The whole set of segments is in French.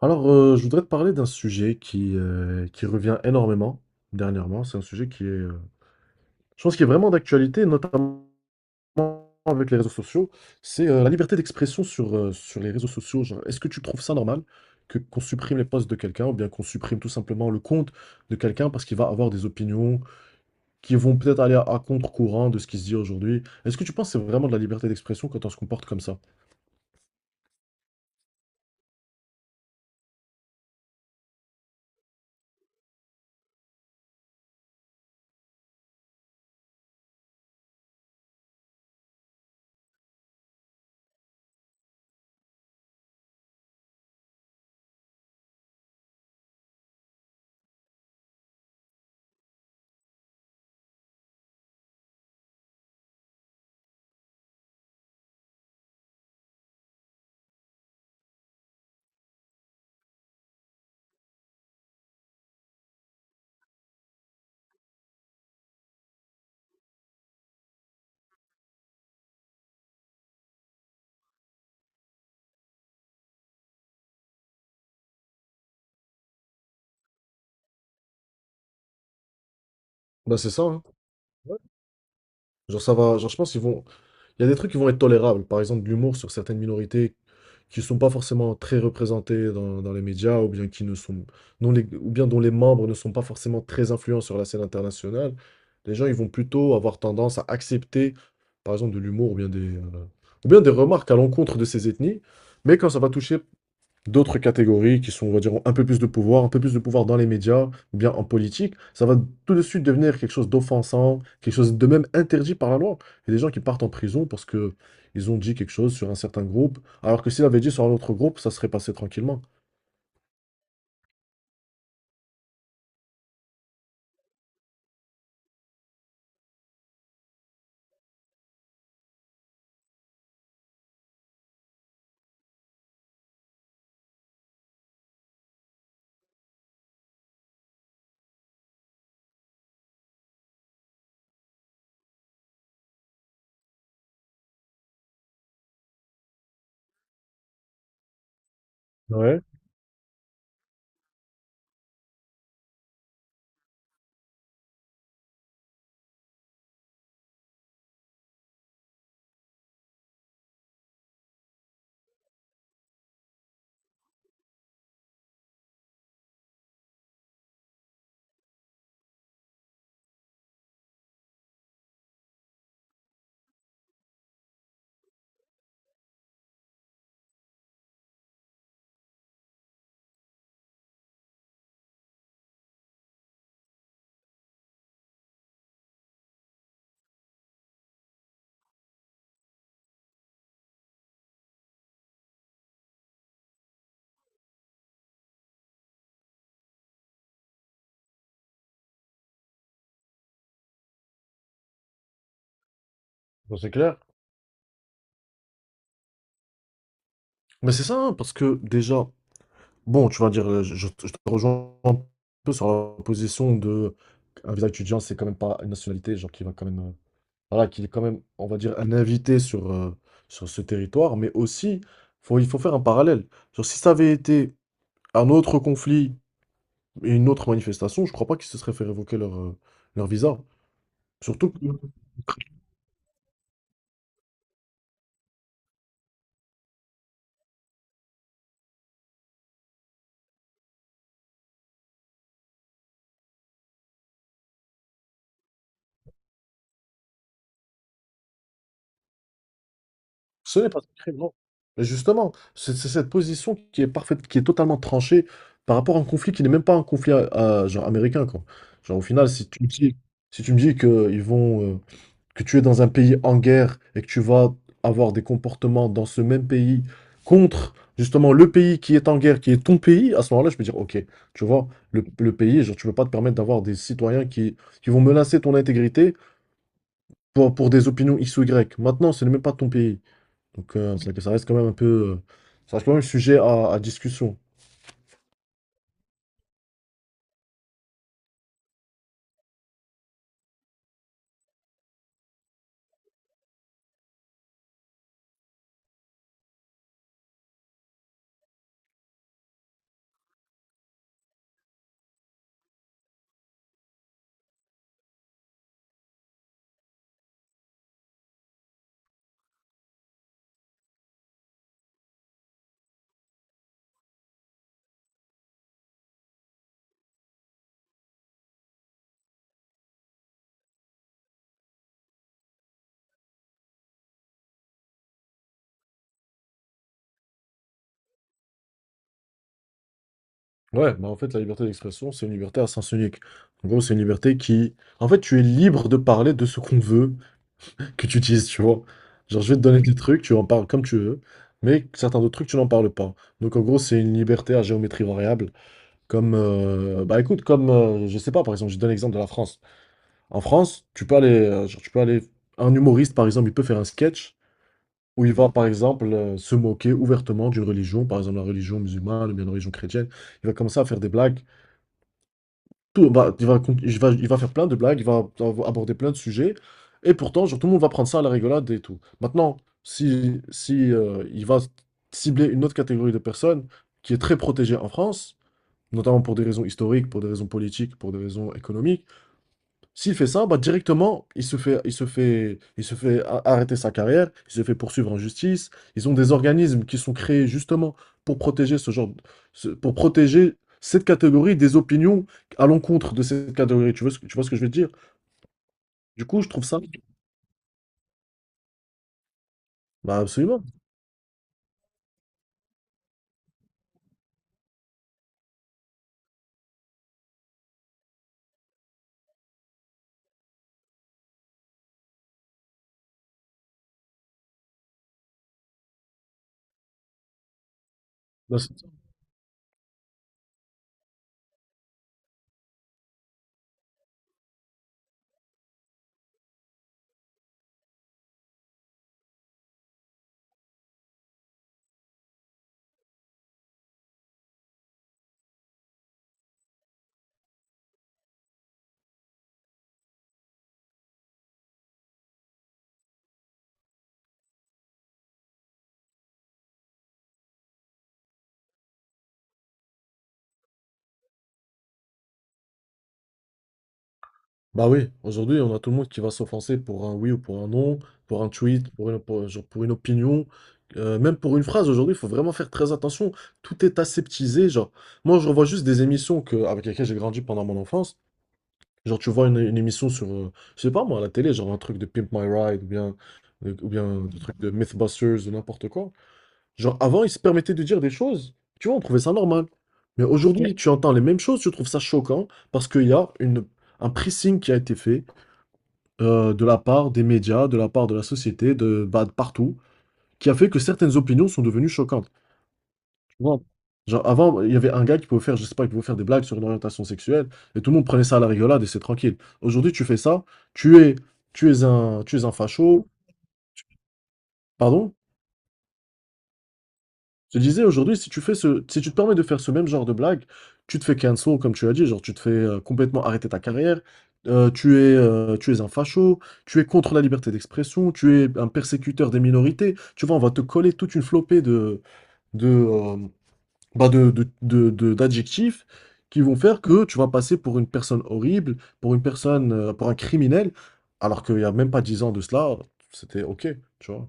Alors, je voudrais te parler d'un sujet qui revient énormément dernièrement. C'est un sujet qui je pense, qui est vraiment d'actualité, notamment avec les réseaux sociaux. C'est la liberté d'expression sur les réseaux sociaux. Genre, est-ce que tu trouves ça normal que qu'on supprime les posts de quelqu'un ou bien qu'on supprime tout simplement le compte de quelqu'un parce qu'il va avoir des opinions qui vont peut-être aller à contre-courant de ce qui se dit aujourd'hui? Est-ce que tu penses que c'est vraiment de la liberté d'expression quand on se comporte comme ça? Bah, c'est ça, hein. Genre, ça va, genre, je pense qu'ils vont, Il y a des trucs qui vont être tolérables, par exemple de l'humour sur certaines minorités qui ne sont pas forcément très représentées dans les médias, ou bien qui ne sont, dont les, ou bien dont les membres ne sont pas forcément très influents sur la scène internationale. Les gens, ils vont plutôt avoir tendance à accepter, par exemple, de l'humour ou bien des remarques à l'encontre de ces ethnies. Mais quand ça va toucher d'autres catégories qui sont, on va dire, ont un peu plus de pouvoir, un peu plus de pouvoir dans les médias ou bien en politique, ça va tout de suite devenir quelque chose d'offensant, quelque chose de même interdit par la loi. Il y a des gens qui partent en prison parce que ils ont dit quelque chose sur un certain groupe, alors que s'ils avaient dit sur un autre groupe, ça serait passé tranquillement. Ouais, bon, c'est clair. Mais c'est ça, hein, parce que déjà, bon, tu vas dire, je te rejoins un peu sur la position de un visa étudiant, c'est quand même pas une nationalité, genre qui va quand même voilà, qu'il est quand même, on va dire, un invité sur ce territoire, mais aussi, il faut faire un parallèle. Genre, si ça avait été un autre conflit et une autre manifestation, je crois pas qu'ils se seraient fait révoquer leur visa. Surtout que ce n'est pas un crime, non. Et justement, c'est cette position qui est parfaite, qui est totalement tranchée par rapport à un conflit qui n'est même pas un conflit genre américain, quoi. Genre, au final, si tu me dis que tu es dans un pays en guerre et que tu vas avoir des comportements dans ce même pays contre justement le pays qui est en guerre, qui est ton pays, à ce moment-là, je peux dire, ok, tu vois, le pays, genre, tu ne peux pas te permettre d'avoir des citoyens qui vont menacer ton intégrité pour des opinions X ou Y. Maintenant, ce n'est même pas ton pays. Donc, c'est que ça reste quand même un peu, ça reste quand même sujet à discussion. Ouais, bah en fait, la liberté d'expression, c'est une liberté à sens unique. En gros, c'est une liberté qui, en fait, tu es libre de parler de ce qu'on veut que tu utilises, tu vois. Genre, je vais te donner des trucs, tu en parles comme tu veux, mais certains autres trucs, tu n'en parles pas. Donc, en gros, c'est une liberté à géométrie variable. Bah écoute, je sais pas, par exemple, je te donne l'exemple de la France. En France, tu peux aller, un humoriste, par exemple, il peut faire un sketch où il va, par exemple, se moquer ouvertement d'une religion, par exemple, la religion musulmane ou bien la religion chrétienne. Il va commencer à faire des blagues tout, bah, il va faire plein de blagues, il va aborder plein de sujets, et pourtant, genre, tout le monde va prendre ça à la rigolade et tout. Maintenant, si il va cibler une autre catégorie de personnes qui est très protégée en France, notamment pour des raisons historiques, pour des raisons politiques, pour des raisons économiques, s'il fait ça, bah directement, il se fait arrêter sa carrière, il se fait poursuivre en justice. Ils ont des organismes qui sont créés justement pour protéger ce genre, de- ce- pour protéger cette catégorie des opinions à l'encontre de cette catégorie. Tu vois ce que je veux dire? Du coup, je trouve ça, bah absolument. Bah, c'est- Bah oui, aujourd'hui, on a tout le monde qui va s'offenser pour un oui ou pour un non, pour un tweet, genre pour une opinion, même pour une phrase. Aujourd'hui, il faut vraiment faire très attention. Tout est aseptisé. Genre, moi, je revois juste des émissions que, avec lesquelles j'ai grandi pendant mon enfance. Genre, tu vois une émission sur, je sais pas moi, à la télé, genre un truc de Pimp My Ride ou bien, des trucs de Mythbusters ou n'importe quoi. Genre, avant, ils se permettaient de dire des choses. Tu vois, on trouvait ça normal. Mais aujourd'hui, tu entends les mêmes choses, tu trouves ça choquant parce qu'il y a un pressing qui a été fait de la part des médias, de la part de la société, de, bah, de partout, qui a fait que certaines opinions sont devenues choquantes. Tu vois, genre avant, il y avait un gars qui pouvait faire, je sais pas, qui pouvait faire des blagues sur une orientation sexuelle, et tout le monde prenait ça à la rigolade et c'est tranquille. Aujourd'hui, tu fais ça, tu es, tu es un facho, tu- pardon? Je disais aujourd'hui, si tu te permets de faire ce même genre de blague, tu te fais cancel, comme tu as dit, genre tu te fais complètement arrêter ta carrière, tu es un facho, tu es contre la liberté d'expression, tu es un persécuteur des minorités. Tu vois, on va te coller toute une flopée de, bah, de- d'adjectifs qui vont faire que tu vas passer pour une personne horrible, pour une pour un criminel, alors qu'il n'y a même pas 10 ans de cela, c'était OK, tu vois.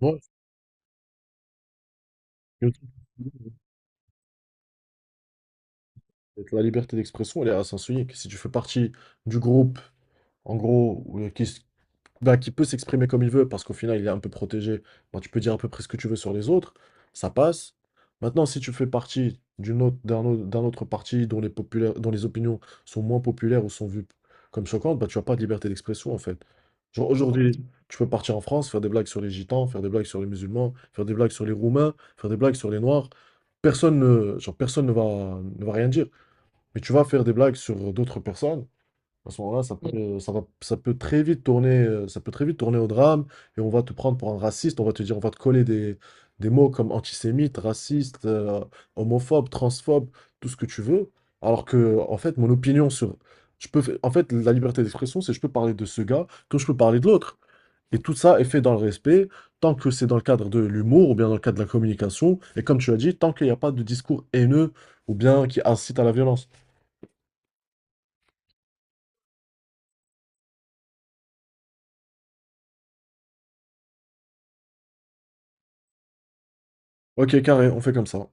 Ouais. Et la liberté d'expression, elle est à sens unique. Si tu fais partie du groupe, en gros, bah, qui peut s'exprimer comme il veut, parce qu'au final, il est un peu protégé, bah, tu peux dire à peu près ce que tu veux sur les autres, ça passe. Maintenant, si tu fais partie d'un autre parti dont les populaires, dont les opinions sont moins populaires ou sont vues comme choquantes, bah, tu n'as pas de liberté d'expression, en fait. Genre, aujourd'hui, tu peux partir en France, faire des blagues sur les gitans, faire des blagues sur les musulmans, faire des blagues sur les Roumains, faire des blagues sur les Noirs. Personne ne ne va rien dire mais tu vas faire des blagues sur d'autres personnes, à ce moment-là, ça peut très vite tourner au drame, et on va te prendre pour un raciste, on va te dire, on va te coller des mots comme antisémite, raciste, homophobe, transphobe, tout ce que tu veux, alors que, en fait, mon opinion sur, en fait, la liberté d'expression, c'est je peux parler de ce gars comme je peux parler de l'autre. Et tout ça est fait dans le respect, tant que c'est dans le cadre de l'humour ou bien dans le cadre de la communication, et comme tu as dit, tant qu'il n'y a pas de discours haineux ou bien qui incite à la violence. Ok, carré, on fait comme ça.